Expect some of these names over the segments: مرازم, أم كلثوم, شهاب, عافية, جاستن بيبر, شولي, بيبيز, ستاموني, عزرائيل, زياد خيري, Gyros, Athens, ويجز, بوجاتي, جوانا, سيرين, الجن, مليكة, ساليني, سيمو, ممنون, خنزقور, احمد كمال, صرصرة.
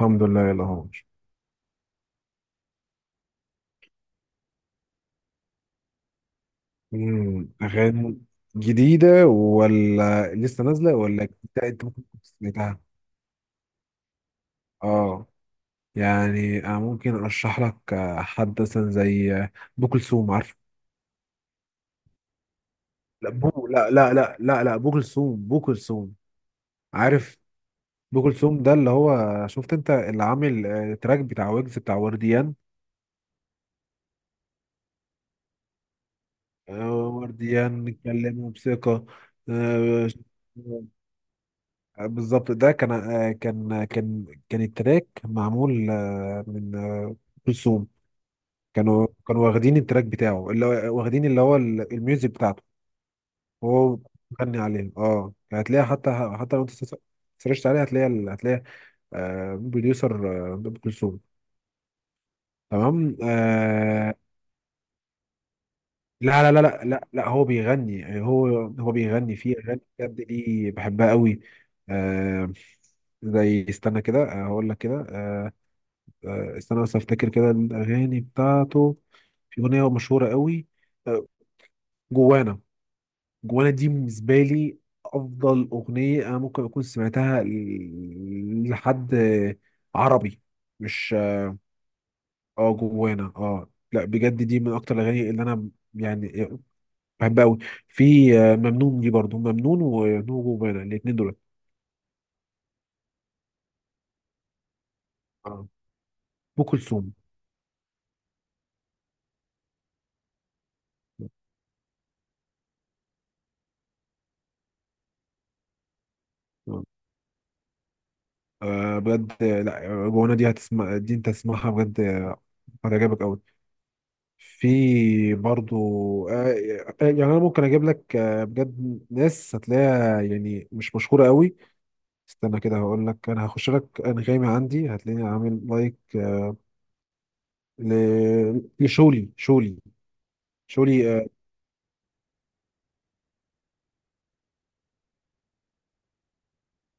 الحمد لله يلا هو. أغاني جديدة ولا لسه نازلة ولا أنت ممكن تكون سمعتها. أه، يعني أنا ممكن أرشح لك حد مثلا زي أبو كلثوم، عارف؟ لا، بو، لا لا لا لا لا، أبو كلثوم، أبو كلثوم. عارف أبو كلثوم ده اللي هو، شفت أنت اللي عامل تراك بتاع ويجز بتاع ورديان؟ ورديان، نتكلم بثقة. آه، بالظبط. ده كان كان التراك معمول من كلثوم. كانوا واخدين التراك بتاعه، اللي هو واخدين اللي هو الميوزك بتاعته، وهو مغني عليه. اه يعني هتلاقيها، حتى لو انت سرشت عليها، هتلاقي بروديوسر ام كلثوم. تمام. آه. لا لا لا لا لا لا، هو بيغني يعني، هو بيغني. فيه اغاني بجد دي بحبها قوي. آه. زي، استنى كده، هقول لك كده. استنى بس افتكر كده الاغاني بتاعته. في اغنيه مشهوره قوي، آه، جوانا. جوانا دي بالنسبه لي افضل اغنيه انا ممكن اكون سمعتها لحد عربي، مش... اه جوانا، اه. لا بجد دي من اكتر الاغاني اللي انا يعني بحبها قوي. في ممنون، دي برضو ممنون وجوانا، الاثنين دول. آه. ام كلثوم. بجد. لا جوانا دي هتسمع دي، انت تسمعها بجد هتعجبك قوي. في برضو. آه، يعني انا ممكن اجيب لك بجد ناس هتلاقيها يعني مش مشهوره قوي. استنى كده هقول لك، انا هخش لك انغامي عندي، هتلاقيني عامل لايك لشولي، شولي. شولي، اه.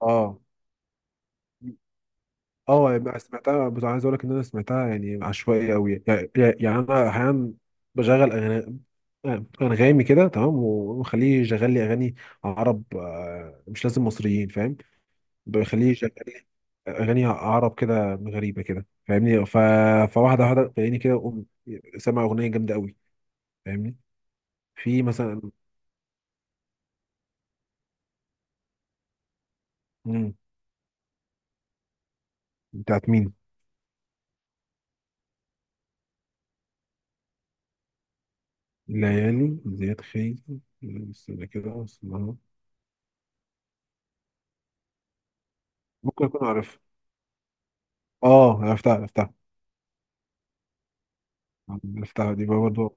اه يعني سمعتها، بس عايز اقول لك ان انا سمعتها يعني عشوائي قوي يعني، يعني انا احيانا بشغل أغاني- انغامي كده تمام، وخليه يشغل لي اغاني عرب، مش لازم مصريين، فاهم. بيخليه يشغل لي اغاني عرب كده غريبه كده، فاهمني. ف... فواحده واحده تلاقيني كده أقوم سامع اغنيه جامده قوي، فاهمني. في مثلا. مم. بتاعت مين؟ ليالي زياد خيري، استنى كده اسمها. ممكن اكون عارفها. اه عرفتها عرفتها. عرفتها دي بقى برضه.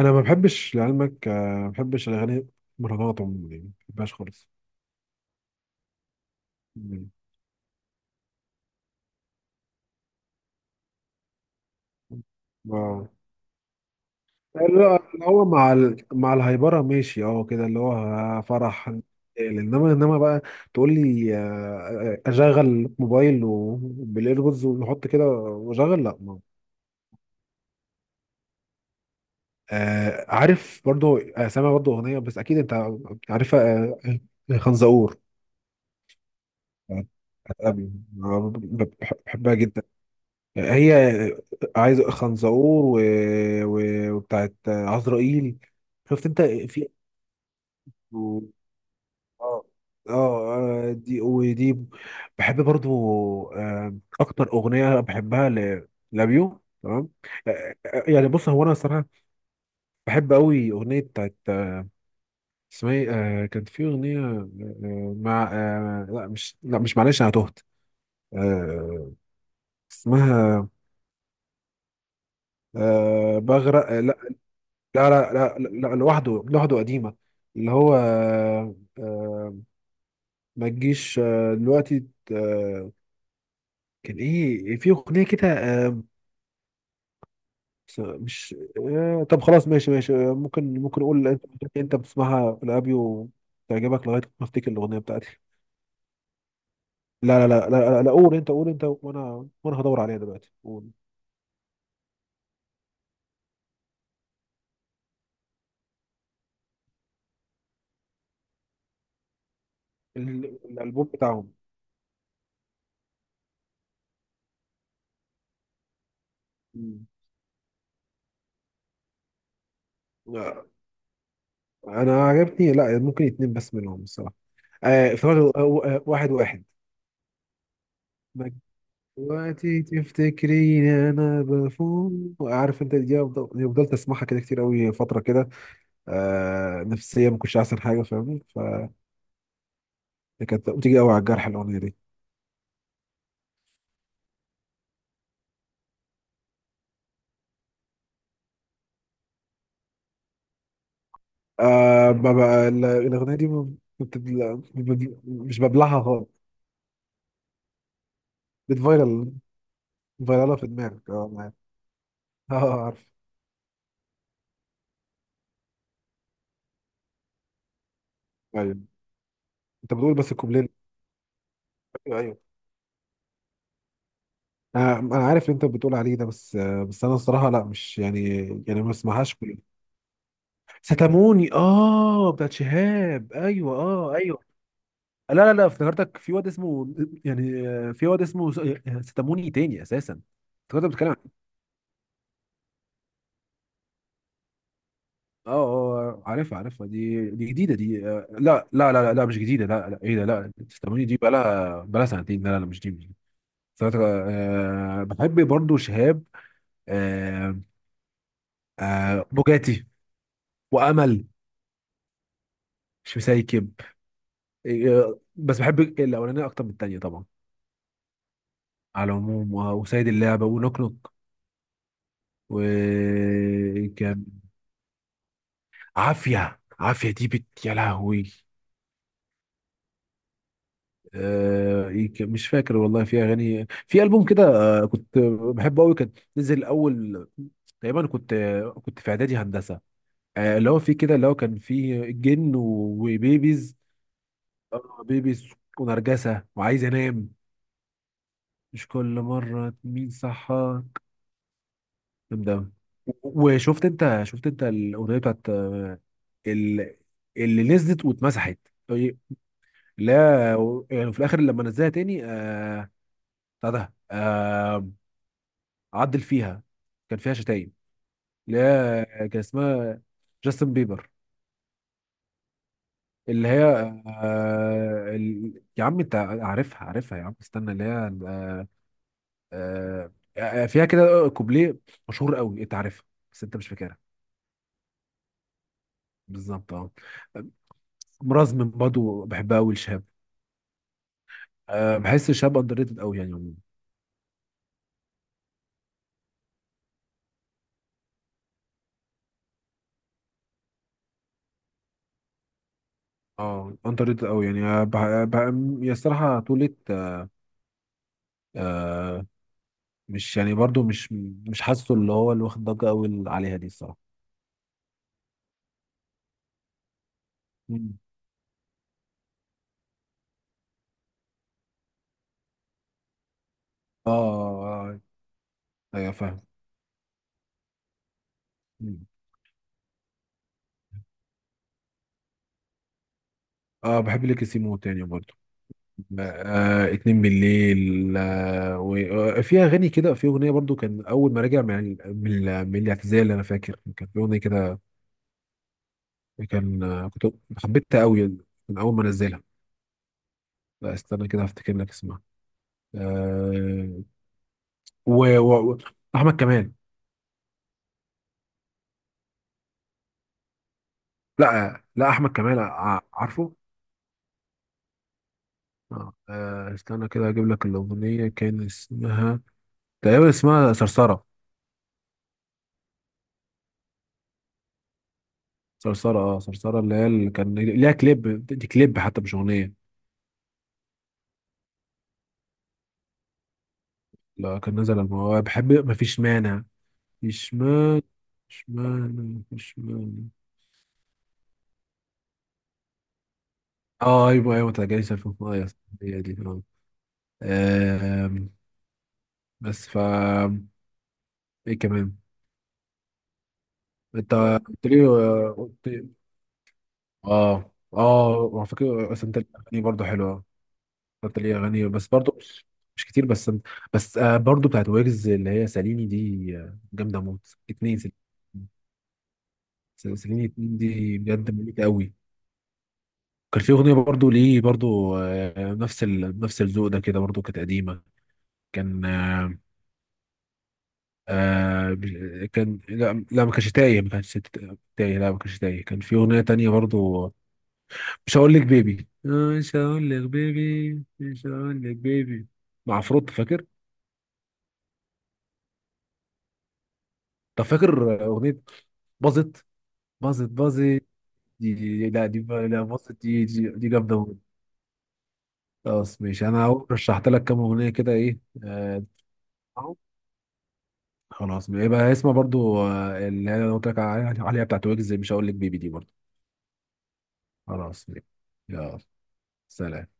انا ما بحبش لعلمك ما بحبش الاغاني مهرجانات عموما، يعني ما بحبهاش خالص. مم. واو. لا، اللي هو مع ال... مع الهايبره، ماشي، اه كده، اللي هو فرح. انما، انما بقى تقول لي اشغل موبايل بالايربودز ونحط كده واشغل، لا ما. آه عارف. برضو سامع برضو اغنيه، بس اكيد انت عارفها، خنزقور، بتاعت أبي. بحبها جدا. هي عايز خنزقور و... و... وبتاعت عزرائيل. شفت انت في. اه. اه دي ودي بحب برضو. اكتر اغنيه بحبها لابيو. تمام. يعني، بص، هو انا الصراحه بحب قوي اغنيه بتاعت اسمها ايه. كان في اغنيه مع لا مش، لا مش، معلش انا تهت. آه، اسمها بغرق. لا. لا لا لا لا، لوحده، لوحده قديمه، اللي هو ما تجيش دلوقتي. آه، كان ايه؟ في اغنيه كده بس مش... طب خلاص، ماشي ماشي. ممكن، ممكن اقول اللي انت بتسمعها لابي وتعجبك، لغايه ما افتكر الاغنيه بتاعتي. لا لا لا لا, لا, لا، قول انت. قول انت، وانا، وانا هدور عليها دلوقتي. قول. ال- الالبوم بتاعهم. مم. آه، انا عجبني، لا، ممكن اتنين بس منهم الصراحه. آه افتكرت. واحد واحد. ما دلوقتي تفتكريني انا بفوق. عارف انت دي أفضل- دي فضلت اسمعها كده كتير قوي فتره كده. آه نفسيه، ما كنتش احسن حاجه، فاهمني. كانت بتيجي قوي على الجرح الاغنيه دي. آه ما بقى ال- الاغنيه دي ما بت- لا، بب- مش ببلعها خالص. بتفايرل. فايرالها في دماغك، اه أنا عارف. اه عارف. ايوه. انت بتقول بس ايوه ايوه، انا عارف اللي انت بتقول عليه ده، بس بس انا الصراحه لا، مش يعني، يعني ما اسمعهاش كل. ستاموني، اه، بتاعت شهاب، ايوه، اه ايوه. لا لا لا، افتكرتك في واد اسمه، يعني في واد اسمه ستاموني تاني اساسا. افتكرتك بتتكلم. اه اه، عارفها عارفها. دي دي جديده دي. لا لا لا لا لا، مش جديده. لا لا. ايه ده؟ لا تستمعني، دي بقالها سنتين. لا لا لا، مش دي، مش دي. سنة- آه بحب برضو شهاب. آه. آه، بوجاتي وامل، مش مسايكب. آه بس بحب الاولانيه اكتر من التانيه طبعا. على العموم وسيد اللعبه، ونوك نوك، وكان. عافيه، عافيه دي بت يا لهوي. مش فاكر والله. في اغاني في البوم كده كنت بحبه قوي. كان نزل اول. تقريبا كنت، كنت في اعدادي هندسه. اللي هو فيه كده، اللي هو كان فيه الجن وبيبيز، بيبيز ونرجسه وعايز انام، مش كل مره مين صحى ده. وشفت انت، شفت انت الاغنيه بتاعت ال- اللي نزلت واتمسحت؟ طيب، لا يعني، في الاخر لما نزلها تاني، آه، بتاع ده عدل فيها، كان فيها شتايم. اللي هي كان اسمها جاستن بيبر. اللي هي يا عم انت عارفها عارفها يا عم، استنى. اللي هي آه آه فيها كده كوبليه مشهور قوي، انت عارفها بس انت مش فاكرها. بالظبط اه. مرازم برضه بحبها قوي لشهاب. آه بحس شهاب اندر ريتد قوي يعني عموماً. اه، اندر ريتد قوي يعني يا الصراحه طولت. آه. مش يعني برضو، مش، مش حاسه اللي هو اللي واخد ضجه قوي عليها دي الصراحه. مم. اه. ايوه فاهم. مم. اه بحب ليك سيمو تاني برضو. آه، اتنين بالليل. آه، وفي اغاني كده، في اغنيه برضو كان اول ما راجع من من الاعتزال. انا فاكر كان في اغنيه كده، كان كنت حبيتها قوي من اول ما نزلها. لا، استنى كده هفتكر لك اسمها. آه. و, و, و احمد كمال. لا لا، احمد كمال عارفه. آه، استنى كده اجيب لك الاغنيه، كان اسمها تقريبا، اسمها صرصره. صرصرة، اه صرصرة، اللي هي اللي كان ليها كليب، دي كليب حتى مش أغنية. لا، كان نزل الموضوع. بحب مفيش مانع، مفيش مانع، مفيش مانع، مفيش مانع. اه ايوه ايوه، تلاقيني سالفة في المية. هي دي اه. آم، بس ف، ايه كمان؟ انت قلت لي. اه اه. وعلى فكرة بس انت الاغاني برضه حلوة. انت ليه اغاني بس برضه، مش، مش كتير، بس بس آه، برضه بتاعت ويجز اللي هي ساليني دي، جامدة موت. اتنين ساليني. سيرين اتنين دي بجد مليكة قوي. كان في اغنيه برضو ليه برضو نفس ال... نفس الذوق ده كده، برضو كانت قديمه. كان كان، لا لا، ما كانش تايه. ما كانش ت- تايه لا ما كانش تايه. كان في اغنيه تانية برضو، مش هقول لك بيبي، مش هقول لك بيبي، مش هقول لك بيبي، مع فروت، فاكر؟ طب فاكر اغنيه باظت، باظت، باظت؟ دي لا، دي لا باظت، دي دي, دي جامده موت. خلاص ماشي. انا أهو رشحت لك كام اغنيه كده، ايه آه. اهو. خلاص، يبقى اسمها برضو اللي انا قلت لك عليها بتاعت ويجز، مش هقول لك بيبي دي برضو. خلاص، يلا، سلام.